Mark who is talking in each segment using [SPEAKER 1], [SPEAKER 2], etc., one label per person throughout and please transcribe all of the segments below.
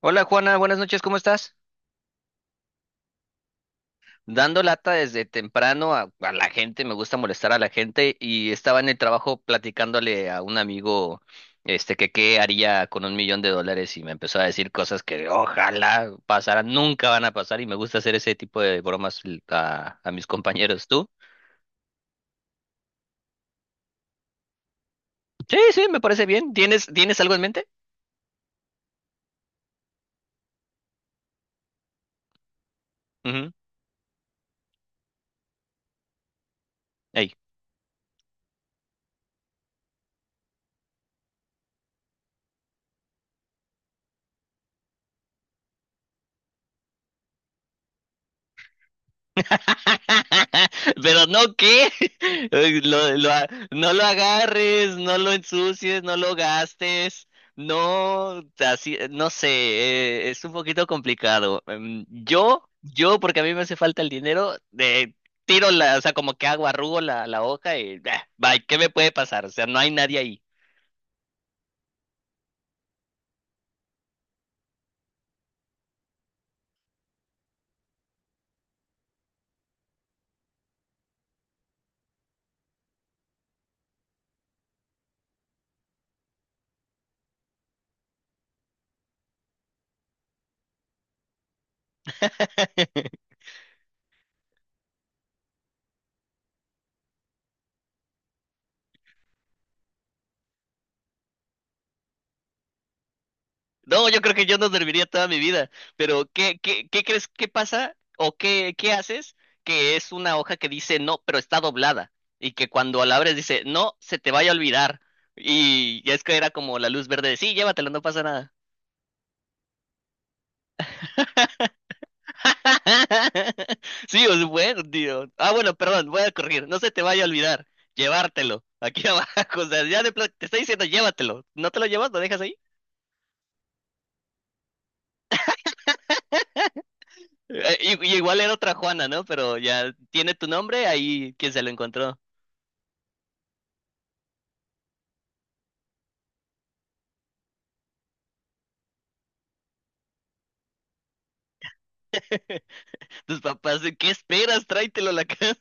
[SPEAKER 1] Hola Juana, buenas noches, ¿cómo estás? Dando lata desde temprano a la gente, me gusta molestar a la gente y estaba en el trabajo platicándole a un amigo que qué haría con un millón de dólares y me empezó a decir cosas que ojalá pasaran, nunca van a pasar y me gusta hacer ese tipo de bromas a mis compañeros. ¿Tú? Sí, sí, me parece bien. ¿Tienes algo en mente? Ujú. Ey. Pero no, ¿qué? No lo agarres, no lo ensucies, no lo gastes. No, así, no sé, es un poquito complicado. Yo, porque a mí me hace falta el dinero, tiro la, o sea, como que hago, arrugo la hoja y bah, bye, ¿qué me puede pasar? O sea, no hay nadie ahí. No, yo creo que yo no dormiría toda mi vida, pero ¿qué crees que pasa o qué haces que es una hoja que dice no, pero está doblada y que cuando la abres dice no, se te vaya a olvidar, y ya es que era como la luz verde de sí, llévatelo, no pasa nada. Sí, es bueno, tío. Ah, bueno, perdón, voy a corregir, no se te vaya a olvidar, llevártelo, aquí abajo, o sea, te está diciendo llévatelo, no te lo llevas, lo dejas ahí. Y igual era otra Juana, ¿no? Pero ya tiene tu nombre, ahí quien se lo encontró. Tus papás, ¿de ¿qué esperas? Tráetelo a la casa.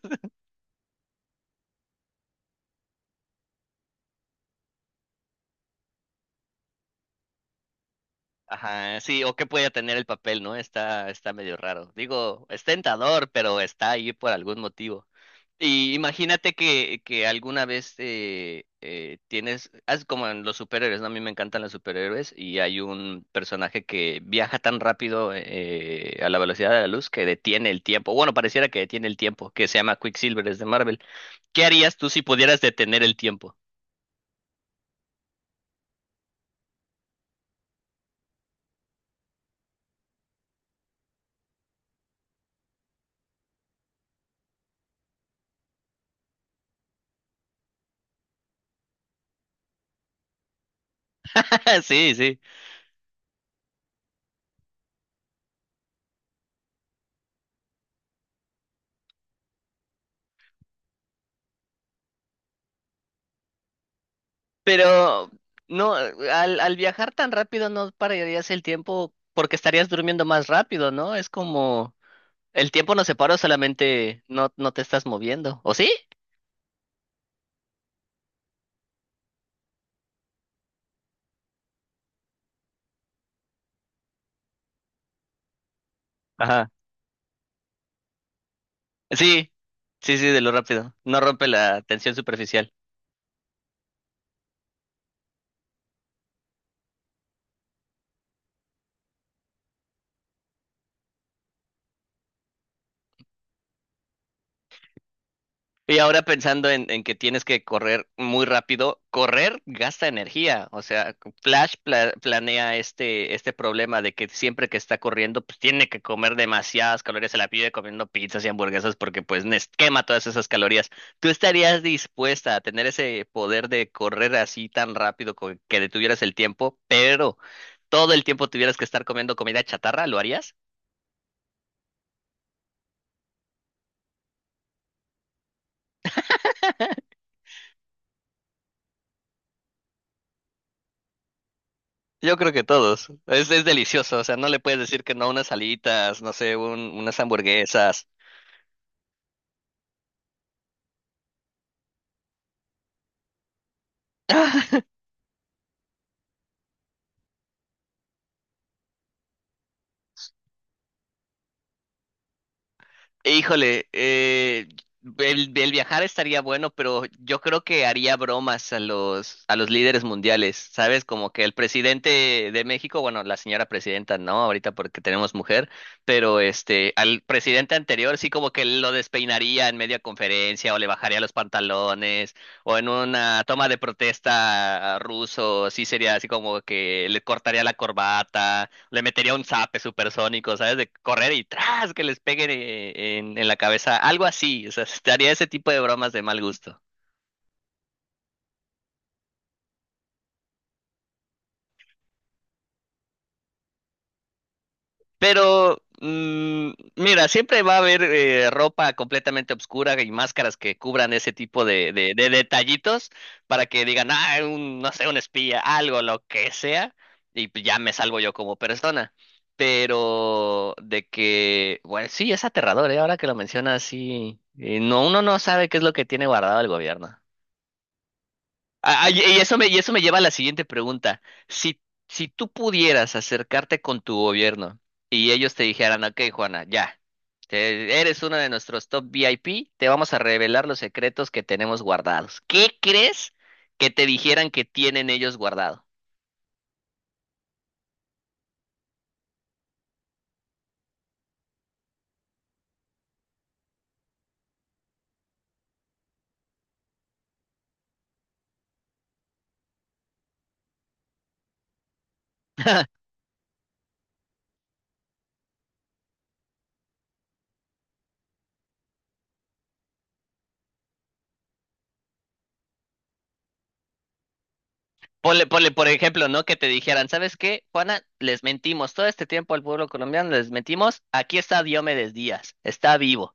[SPEAKER 1] Ajá, sí, o qué puede tener el papel, ¿no? Está medio raro. Digo, es tentador, pero está ahí por algún motivo. Y imagínate que alguna vez tienes, haz como en los superhéroes, ¿no? A mí me encantan los superhéroes y hay un personaje que viaja tan rápido, a la velocidad de la luz, que detiene el tiempo. Bueno, pareciera que detiene el tiempo, que se llama Quicksilver, es de Marvel. ¿Qué harías tú si pudieras detener el tiempo? Sí, sí. Pero no, al viajar tan rápido no pararías el tiempo porque estarías durmiendo más rápido, ¿no? Es como el tiempo no se paró, solamente no te estás moviendo. ¿O sí? Ajá. Sí, sí, sí, de lo rápido. No rompe la tensión superficial. Y ahora pensando en que tienes que correr muy rápido, correr gasta energía. O sea, Flash planea este problema de que siempre que está corriendo, pues tiene que comer demasiadas calorías, se la pide comiendo pizzas y hamburguesas porque pues quema todas esas calorías. ¿Tú estarías dispuesta a tener ese poder de correr así tan rápido que detuvieras el tiempo, pero todo el tiempo tuvieras que estar comiendo comida chatarra? ¿Lo harías? Yo creo que todos. Es delicioso, o sea, no le puedes decir que no a unas alitas, no sé, unas hamburguesas. Híjole, el viajar estaría bueno, pero yo creo que haría bromas a los líderes mundiales, ¿sabes? Como que el presidente de México, bueno, la señora presidenta no, ahorita porque tenemos mujer, pero este, al presidente anterior sí, como que lo despeinaría en media conferencia o le bajaría los pantalones o en una toma de protesta a ruso, sí sería así como que le cortaría la corbata, le metería un zape supersónico, ¿sabes? De correr y tras que les peguen, en la cabeza, algo así, o sea, te haría ese tipo de bromas de mal gusto. Pero, mira, siempre va a haber ropa completamente oscura y máscaras que cubran ese tipo de, de detallitos, para que digan, ah, un, no sé, un espía, algo, lo que sea, y pues ya me salvo yo como persona. Pero de que, bueno, sí, es aterrador, ¿eh? Ahora que lo mencionas, sí. No, uno no sabe qué es lo que tiene guardado el gobierno. Y y eso me lleva a la siguiente pregunta. Si, si tú pudieras acercarte con tu gobierno y ellos te dijeran, ok, Juana, ya, eres uno de nuestros top VIP, te vamos a revelar los secretos que tenemos guardados. ¿Qué crees que te dijeran que tienen ellos guardado? Ponle, ponle, por ejemplo, ¿no? Que te dijeran, ¿sabes qué, Juana? Les mentimos todo este tiempo al pueblo colombiano, les mentimos. Aquí está Diomedes Díaz, está vivo.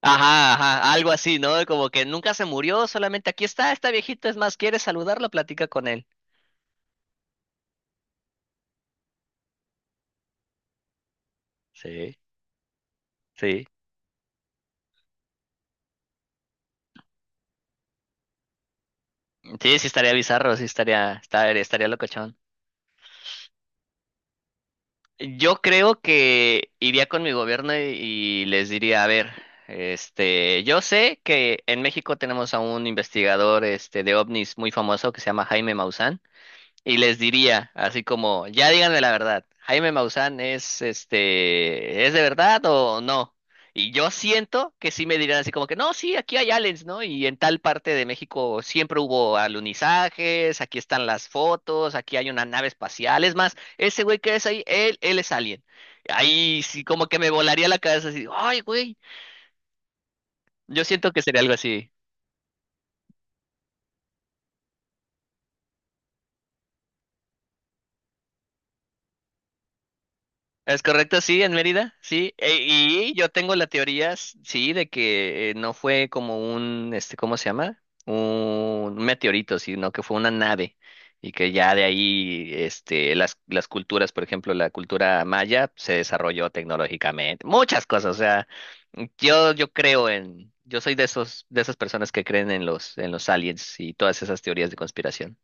[SPEAKER 1] Ajá, ajá, algo así, ¿no? Como que nunca se murió, solamente aquí está esta viejita, es más, ¿quieres saludarla? Platica con él. Sí, sí. Sí, sí estaría bizarro, sí estaría, estaría locochón. Yo creo que iría con mi gobierno y les diría, a ver, este, yo sé que en México tenemos a un investigador, este, de ovnis muy famoso que se llama Jaime Maussan, y les diría, así como, ya díganme la verdad, Jaime Maussan es este, ¿es de verdad o no? Y yo siento que sí me dirán así como que, no, sí, aquí hay aliens, ¿no? Y en tal parte de México siempre hubo alunizajes, aquí están las fotos, aquí hay una nave espacial, es más, ese güey que es ahí, él es alien. Ahí sí como que me volaría la cabeza así, ay, güey, yo siento que sería algo así. Es correcto, sí, en Mérida, sí. Y yo tengo la teoría, sí, de que no fue como un, este, ¿cómo se llama? Un meteorito, sino que fue una nave. Y que ya de ahí, este, las culturas, por ejemplo, la cultura maya se desarrolló tecnológicamente. Muchas cosas, o sea, yo creo en, yo soy de esos, de esas personas que creen en los aliens y todas esas teorías de conspiración.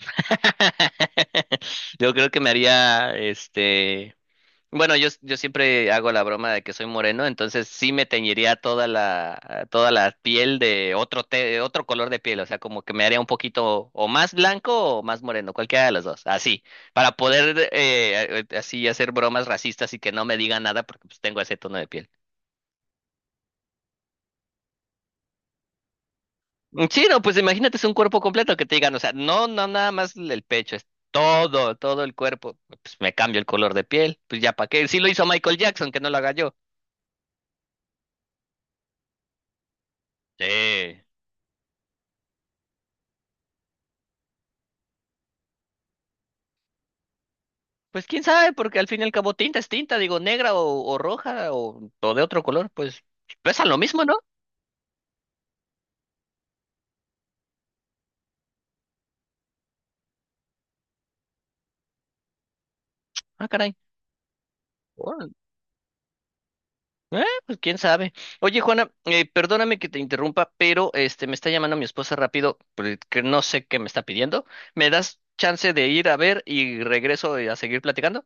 [SPEAKER 1] Yo creo que me haría, este... Bueno, yo siempre hago la broma de que soy moreno, entonces sí me teñiría toda la piel de otro, otro color de piel, o sea, como que me haría un poquito o más blanco o más moreno, cualquiera de los dos, así, para poder así hacer bromas racistas y que no me digan nada porque pues tengo ese tono de piel. Sí, no, pues imagínate, es un cuerpo completo que te digan, o sea, no, no, nada más el pecho, es todo el cuerpo, pues me cambio el color de piel, pues ya para qué, sí lo hizo Michael Jackson, que no lo haga yo. Sí. Pues quién sabe, porque al fin y al cabo tinta es tinta, digo, negra o roja o de otro color, pues pesan lo mismo, ¿no? Ah, caray. Órale. Pues quién sabe. Oye, Juana, perdóname que te interrumpa, pero este me está llamando mi esposa rápido, porque no sé qué me está pidiendo. ¿Me das chance de ir a ver y regreso, a seguir platicando?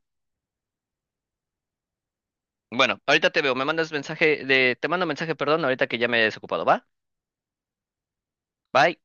[SPEAKER 1] Bueno, ahorita te veo, me mandas mensaje de, te mando mensaje, perdón, ahorita que ya me he desocupado, ¿va? Bye.